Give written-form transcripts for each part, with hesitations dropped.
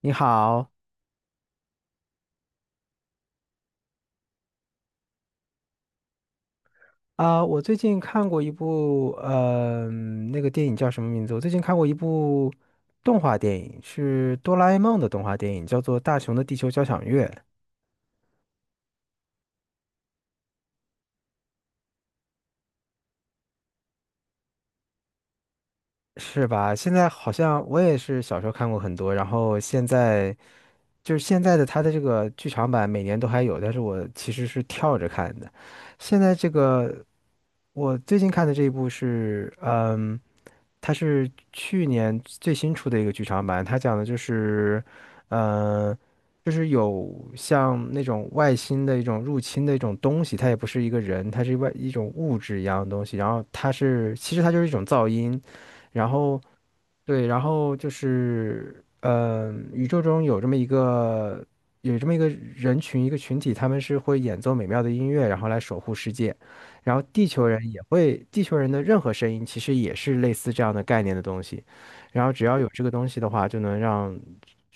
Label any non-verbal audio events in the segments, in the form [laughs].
你好啊，我最近看过一部，那个电影叫什么名字？我最近看过一部动画电影，是哆啦 A 梦的动画电影，叫做《大雄的地球交响乐》，是吧？现在好像我也是小时候看过很多，然后现在就是现在的它的这个剧场版每年都还有，但是我其实是跳着看的。现在这个我最近看的这一部是，它是去年最新出的一个剧场版，它讲的就是，呃，就是有像那种外星的一种入侵的一种东西，它也不是一个人，它是外一种物质一样的东西，然后其实它就是一种噪音，然后对，然后就是，宇宙中有这么一个人群，一个群体，他们是会演奏美妙的音乐，然后来守护世界。然后地球人也会，地球人的任何声音其实也是类似这样的概念的东西。然后只要有这个东西的话，就能让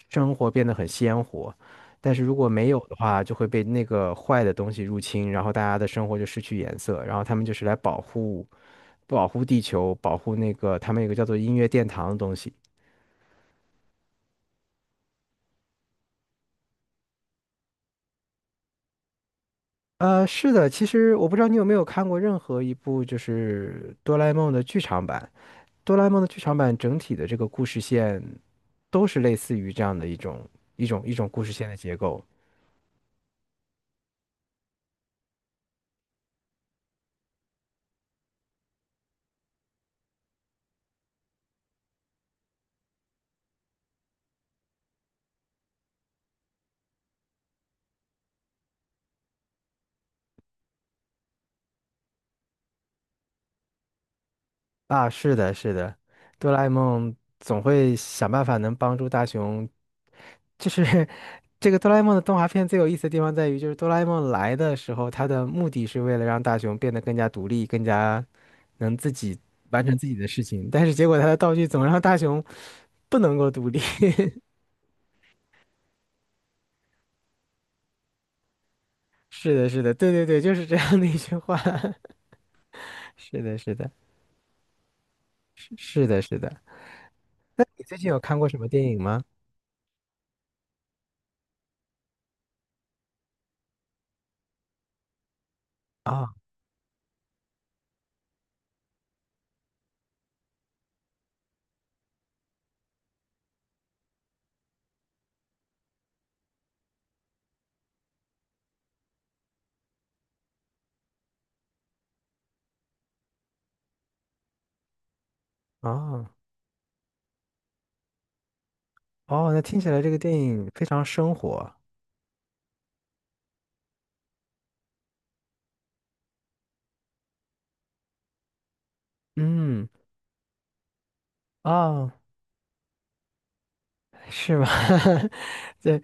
生活变得很鲜活。但是如果没有的话，就会被那个坏的东西入侵，然后大家的生活就失去颜色。然后他们就是来保护地球，保护那个他们有个叫做音乐殿堂的东西。是的，其实我不知道你有没有看过任何一部就是哆啦 A 梦的剧场版。哆啦 A 梦的剧场版整体的这个故事线都是类似于这样的一种故事线的结构。啊，是的，是的，哆啦 A 梦总会想办法能帮助大雄。就是 [laughs] 这个哆啦 A 梦的动画片最有意思的地方在于，就是哆啦 A 梦来的时候，它的目的是为了让大雄变得更加独立，更加能自己完成自己的事情。但是结果他的道具总让大雄不能够独立。[laughs] 是的，是的，对对对，就是这样的一句话。[laughs] 是的，是的，是是的，是的。那你最近有看过什么电影吗？啊，啊，哦，那听起来这个电影非常生活。嗯，哦，是吗？[laughs] 对，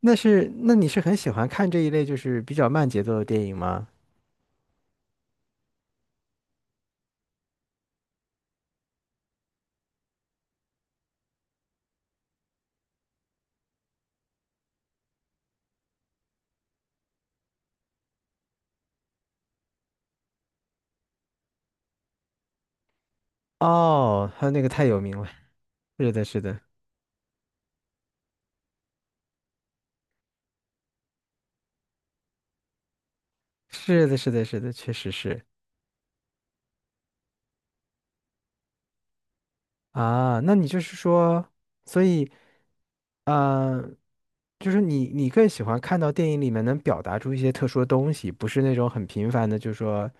那是，那你是很喜欢看这一类就是比较慢节奏的电影吗？哦，还有那个太有名了，是的，是的，是的，是的，是的，确实是啊。那你就是说，所以，啊。就是你更喜欢看到电影里面能表达出一些特殊的东西，不是那种很平凡的，就是说，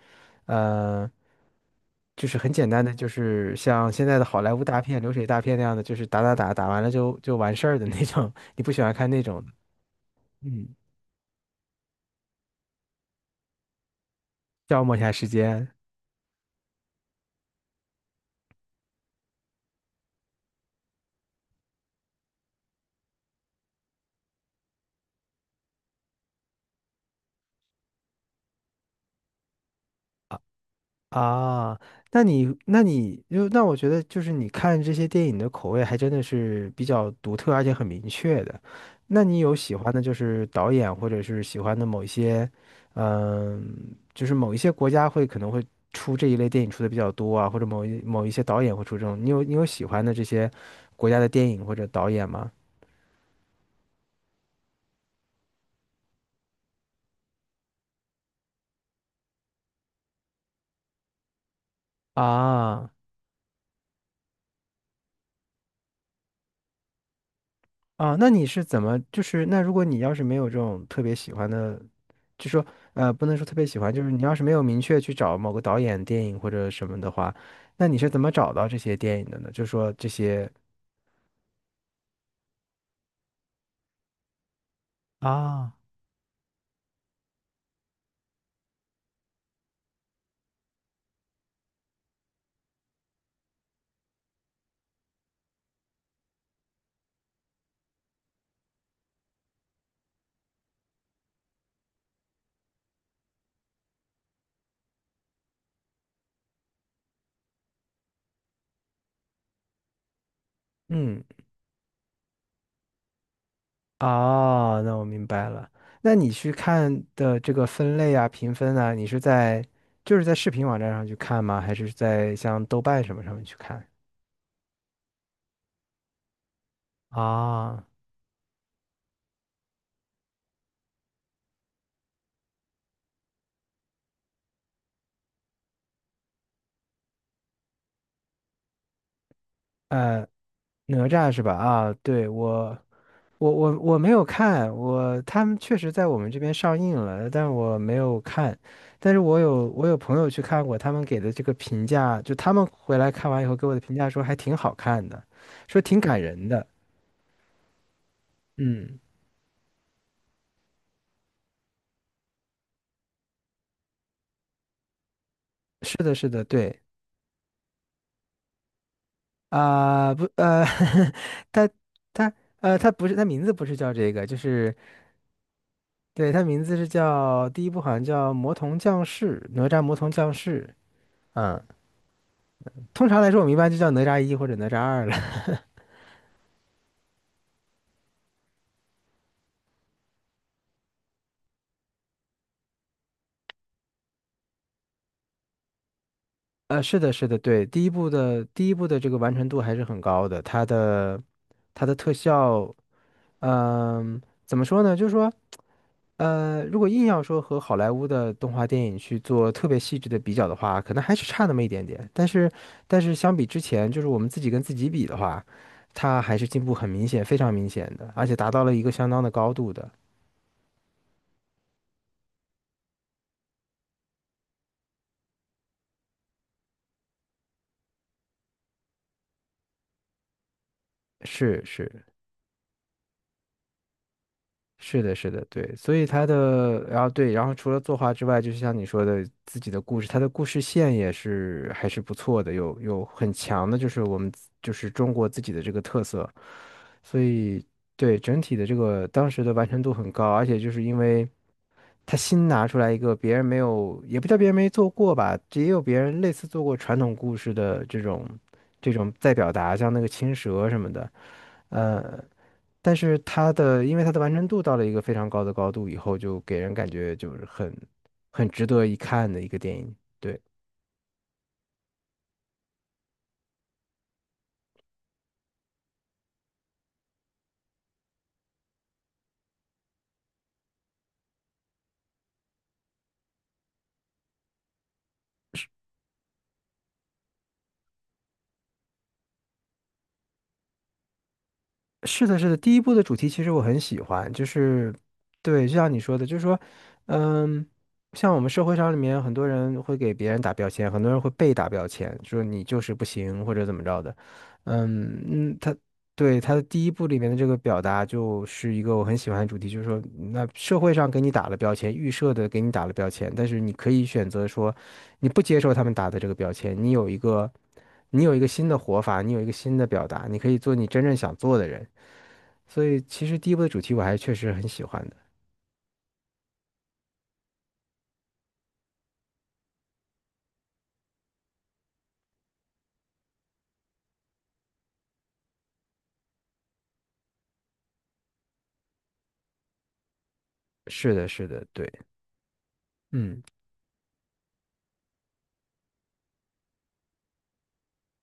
呃，就是很简单的，就是像现在的好莱坞大片、流水大片那样的，就是打打打打完了就就完事儿的那种。[laughs] 你不喜欢看那种嗯，消磨一下时间。啊，那我觉得就是你看这些电影的口味还真的是比较独特，而且很明确的。那你有喜欢的就是导演，或者是喜欢的某一些，嗯，就是某一些国家会可能会出这一类电影出的比较多啊，或者某一些导演会出这种。你有喜欢的这些国家的电影或者导演吗？啊，啊，那你是怎么就是那如果你要是没有这种特别喜欢的。就说不能说特别喜欢，就是你要是没有明确去找某个导演电影或者什么的话，那你是怎么找到这些电影的呢？就说这些，啊，嗯，哦，那我明白了。那你去看的这个分类啊、评分啊，你是在就是在视频网站上去看吗？还是在像豆瓣什么上面去看？啊，呃，哪吒是吧？啊，对，我没有看，我他们确实在我们这边上映了，但我没有看。但是我有朋友去看过，他们给的这个评价，就他们回来看完以后给我的评价说还挺好看的，说挺感人的。嗯，是的，是的，对啊，不[laughs] 他他他不是他名字不是叫这个，就是对他名字是叫第一部好像叫《魔童降世》，哪吒魔童降世。嗯。通常来说，我们一般就叫哪吒一或者哪吒二了。[laughs] 是的，是的，对，第一部的这个完成度还是很高的，它的特效，嗯、怎么说呢？就是说，如果硬要说和好莱坞的动画电影去做特别细致的比较的话，可能还是差那么一点点。但是，但是相比之前，就是我们自己跟自己比的话，它还是进步很明显，非常明显的，而且达到了一个相当的高度的。是是，是的，是的，对，所以他的，然后对，然后除了作画之外，就是像你说的，自己的故事，他的故事线也是还是不错的，有很强的，就是我们自就是中国自己的这个特色，所以对整体的这个当时的完成度很高，而且就是因为他新拿出来一个别人没有，也不叫别人没做过吧，也有别人类似做过传统故事的这种再表达，像那个青蛇什么的。呃，但是它的，因为它的完成度到了一个非常高的高度以后，就给人感觉就是很值得一看的一个电影。对。是的，是的，第一部的主题其实我很喜欢，就是，对，就像你说的，就是说，嗯，像我们社会上里面很多人会给别人打标签，很多人会被打标签，说你就是不行或者怎么着的，嗯嗯，他对他的第一部里面的这个表达就是一个我很喜欢的主题，就是说，那社会上给你打了标签，预设的给你打了标签，但是你可以选择说，你不接受他们打的这个标签，你有一个，你有一个新的活法，你有一个新的表达，你可以做你真正想做的人。所以其实第一部的主题我还确实很喜欢的。是的，是的，对，嗯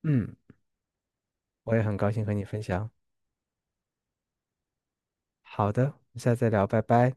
嗯，我也很高兴和你分享。好的，下次再聊，拜拜。